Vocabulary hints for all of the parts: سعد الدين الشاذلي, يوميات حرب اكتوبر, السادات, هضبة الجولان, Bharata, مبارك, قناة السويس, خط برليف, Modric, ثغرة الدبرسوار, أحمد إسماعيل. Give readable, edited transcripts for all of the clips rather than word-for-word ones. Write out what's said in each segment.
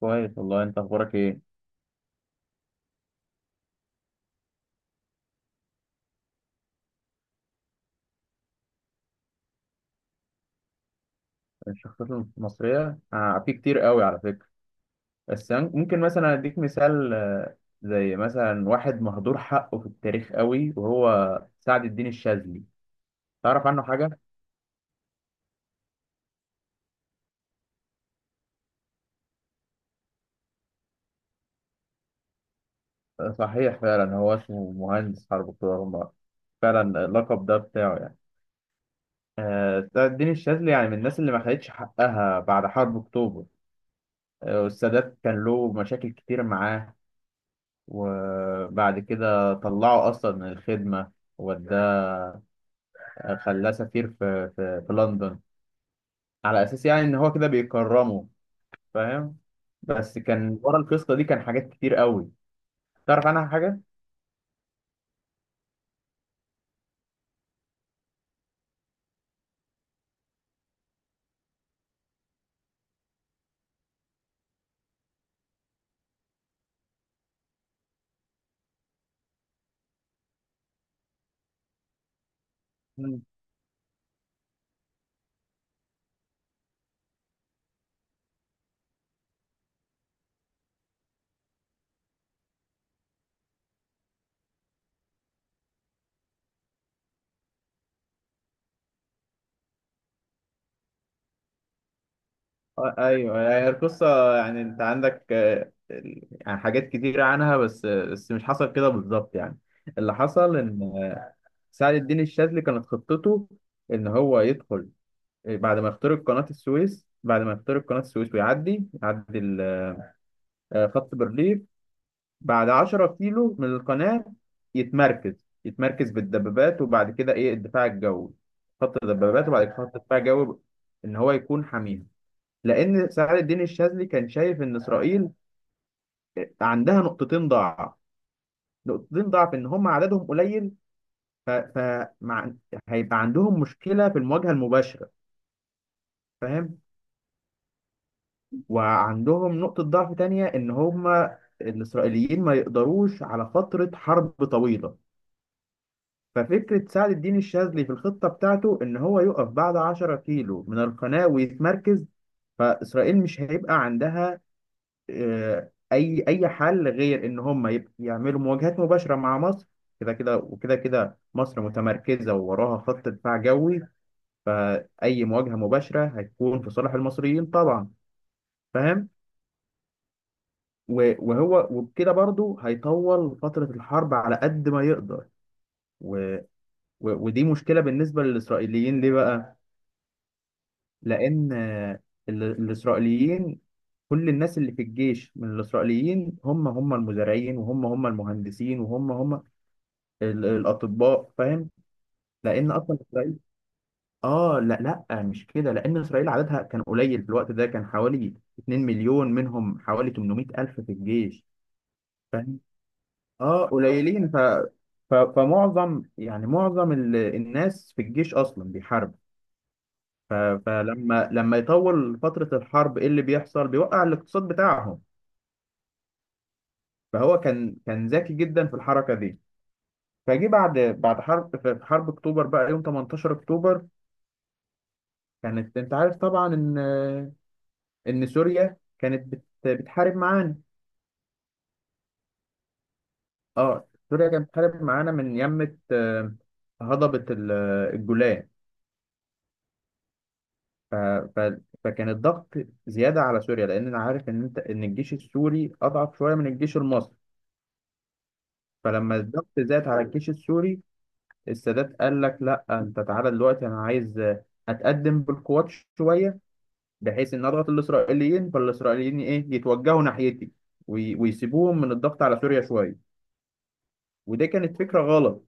كويس والله، انت اخبارك ايه؟ الشخصيات المصريه، في كتير قوي على فكره. بس أنا ممكن مثلا اديك مثال، زي مثلا واحد مهدور حقه في التاريخ قوي، وهو سعد الدين الشاذلي. تعرف عنه حاجه؟ صحيح، فعلا هو اسمه مهندس حرب اكتوبر فعلا، اللقب ده بتاعه يعني. سعد الدين الشاذلي يعني من الناس اللي ما خدتش حقها بعد حرب اكتوبر. والسادات كان له مشاكل كتير معاه، وبعد كده طلعه اصلا من الخدمه، وده خلاه سفير في لندن، على اساس يعني ان هو كده بيكرمه. فاهم؟ بس كان ورا القصه دي كان حاجات كتير قوي. تعرف عنها حاجه؟ مم. ايوه، هي القصه يعني، انت عندك يعني حاجات كتير عنها، بس مش حصل كده بالظبط يعني. اللي حصل ان سعد الدين الشاذلي كانت خطته ان هو يدخل، بعد ما يخترق قناه السويس، ويعدي خط برليف. بعد 10 كيلو من القناة، يتمركز بالدبابات، وبعد كده ايه الدفاع الجوي. خط الدبابات، وبعد كده خط الدفاع الجوي، ان هو يكون حاميها. لان سعد الدين الشاذلي كان شايف ان اسرائيل عندها نقطتين ضعف. ان هم عددهم قليل، ف... ف... مع... هيبقى عندهم مشكلة في المواجهة المباشرة. فاهم؟ وعندهم نقطة ضعف تانية، ان هم الاسرائيليين ما يقدروش على فترة حرب طويلة. ففكرة سعد الدين الشاذلي في الخطة بتاعته إن هو يقف بعد 10 كيلو من القناة ويتمركز. فإسرائيل مش هيبقى عندها أي حل غير إن هم يعملوا مواجهات مباشرة مع مصر. كده كده وكده كده، مصر متمركزة ووراها خط دفاع جوي، فأي مواجهة مباشرة هتكون في صالح المصريين طبعا. فاهم؟ وهو وبكده برضه هيطول فترة الحرب على قد ما يقدر. و- ودي مشكلة بالنسبة للإسرائيليين، ليه بقى؟ لان الاسرائيليين، كل الناس اللي في الجيش من الاسرائيليين هم هم المزارعين، وهم هم المهندسين، وهم هم الاطباء. فاهم؟ لان اصلا اسرائيل اه، لا لا، مش كده. لان اسرائيل عددها كان قليل في الوقت ده، كان حوالي 2 مليون، منهم حوالي 800 الف في الجيش. فاهم؟ اه، قليلين. فمعظم يعني معظم الناس في الجيش اصلا بيحاربوا. ف- فلما يطول فترة الحرب، ايه اللي بيحصل؟ بيوقع الاقتصاد بتاعهم. فهو كان ذكي جدا في الحركة دي. فجي بعد بعد حرب في في حرب اكتوبر بقى، يوم 18 اكتوبر، كانت، انت عارف طبعا ان سوريا كانت بتحارب معانا. اه، سوريا كانت بتحارب معانا من يمة هضبة الجولان. ف ف فكان الضغط زيادة على سوريا، لأن أنا عارف إن إن الجيش السوري أضعف شوية من الجيش المصري. فلما الضغط زاد على الجيش السوري، السادات قال لك: لا، انت تعالى دلوقتي، انا عايز اتقدم بالقوات شويه، بحيث ان اضغط الاسرائيليين، فالاسرائيليين ايه يتوجهوا ناحيتي، ويسيبوهم من الضغط على سوريا شويه. ودي كانت فكره غلط،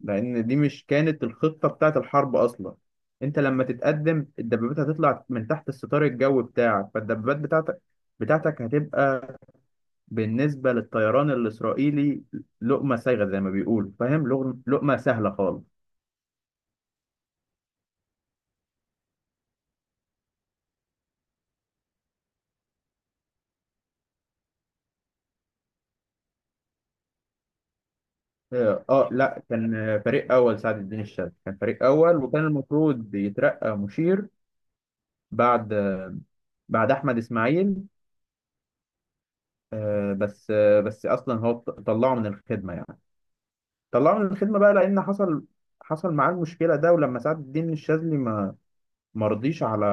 لان دي مش كانت الخطه بتاعت الحرب اصلا. انت لما تتقدم الدبابات هتطلع من تحت الستار الجوي بتاعك، فالدبابات بتاعتك هتبقى بالنسبه للطيران الاسرائيلي لقمه سايغه، زي ما بيقولوا. فاهم؟ لقمه سهله خالص. اه، لا، كان فريق اول. سعد الدين الشاذلي كان فريق اول، وكان المفروض يترقى مشير بعد احمد اسماعيل. بس اصلا هو طلعه من الخدمه يعني. طلعه من الخدمه بقى، لان حصل معاه المشكله ده. ولما سعد الدين الشاذلي ما ما رضيش على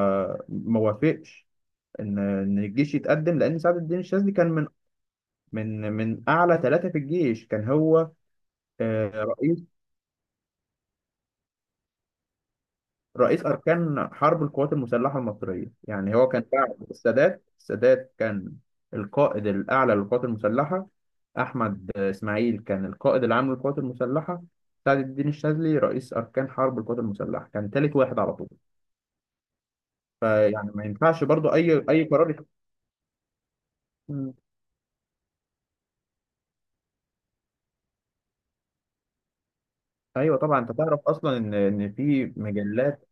ما وافقش ان الجيش يتقدم، لان سعد الدين الشاذلي كان من اعلى ثلاثه في الجيش. كان هو آه، رئيس رئيس أركان حرب القوات المسلحة المصرية. يعني هو كان بعد السادات. السادات كان القائد الأعلى للقوات المسلحة، أحمد إسماعيل كان القائد العام للقوات المسلحة، سعد الدين الشاذلي رئيس أركان حرب القوات المسلحة، كان تالت واحد على طول. فيعني ما ينفعش برضو أي قرار مم. أيوه طبعا، أنت تعرف أصلا إن في مجلات،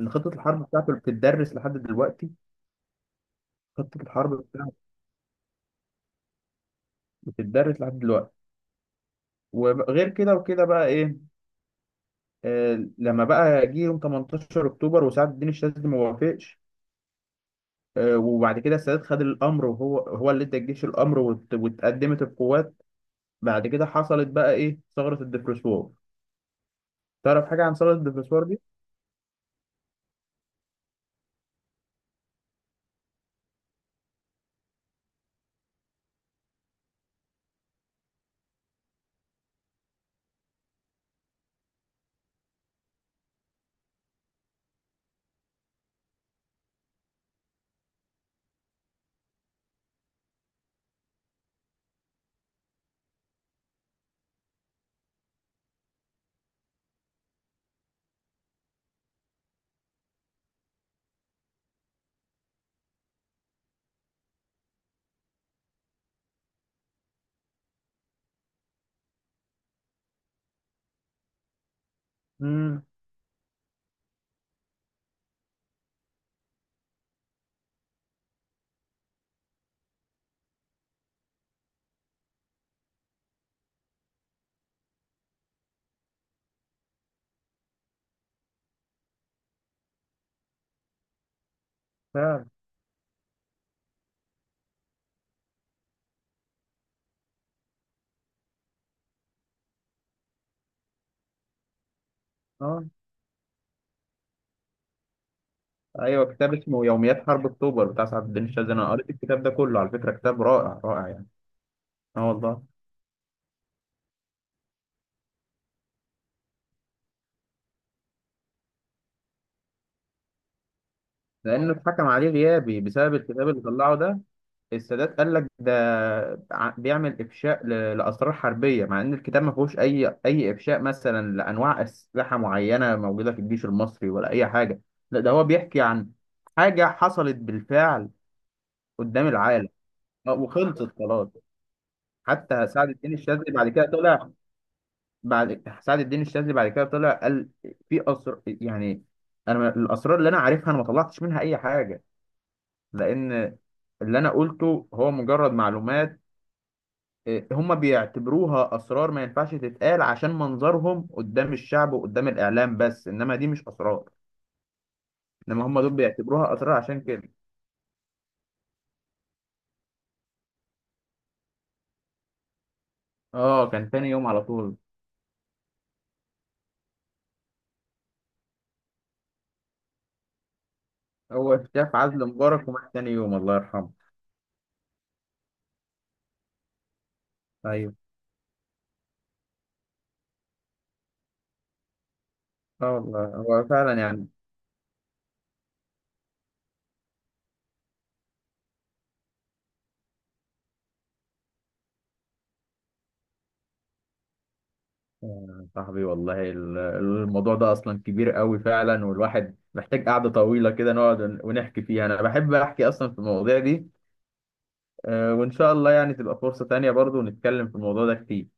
إن خطة الحرب بتاعته بتدرس لحد دلوقتي. خطة الحرب بتاعته بتدرس لحد دلوقتي. وغير كده وكده بقى إيه، لما بقى جه يوم 18 اكتوبر وسعد الدين الشاذلي ما وافقش، وبعد كده السادات خد الامر، وهو هو اللي ادى الجيش الامر، واتقدمت القوات. بعد كده حصلت بقى ايه ثغرة الدبرسوار. تعرف حاجة عن ثغرة الدبرسوار دي؟ امم. فعلا. اه. ايوه، كتاب اسمه يوميات حرب اكتوبر بتاع سعد الدين الشاذلي، انا قريت الكتاب ده كله على فكرة. كتاب رائع رائع يعني. اه والله. لانه اتحكم عليه غيابي بسبب الكتاب اللي طلعه ده. السادات قال لك ده بيعمل افشاء لاسرار حربيه، مع ان الكتاب ما فيهوش اي افشاء مثلا لانواع اسلحه معينه موجوده في الجيش المصري، ولا اي حاجه. لا، ده هو بيحكي عن حاجه حصلت بالفعل قدام العالم. وخلصت خلاص. حتى سعد الدين الشاذلي بعد كده طلع. بعد سعد الدين الشاذلي بعد كده طلع، قال: في اسر يعني انا الاسرار اللي انا عارفها انا ما طلعتش منها اي حاجه، لان اللي انا قلته هو مجرد معلومات. إيه، هم بيعتبروها اسرار ما ينفعش تتقال عشان منظرهم قدام الشعب وقدام الاعلام، بس انما دي مش اسرار. انما هم دول بيعتبروها اسرار عشان كده. اه، كان تاني يوم على طول. هو شاف عزل مبارك ومات تاني يوم، الله يرحمه. ايوه. اه والله، هو فعلا يعني. صاحبي والله، الموضوع ده اصلا كبير قوي فعلا، والواحد محتاج قعدة طويلة كده نقعد ونحكي فيها. انا بحب احكي اصلا في المواضيع دي. وان شاء الله يعني تبقى فرصة تانية برضو نتكلم في الموضوع ده كتير.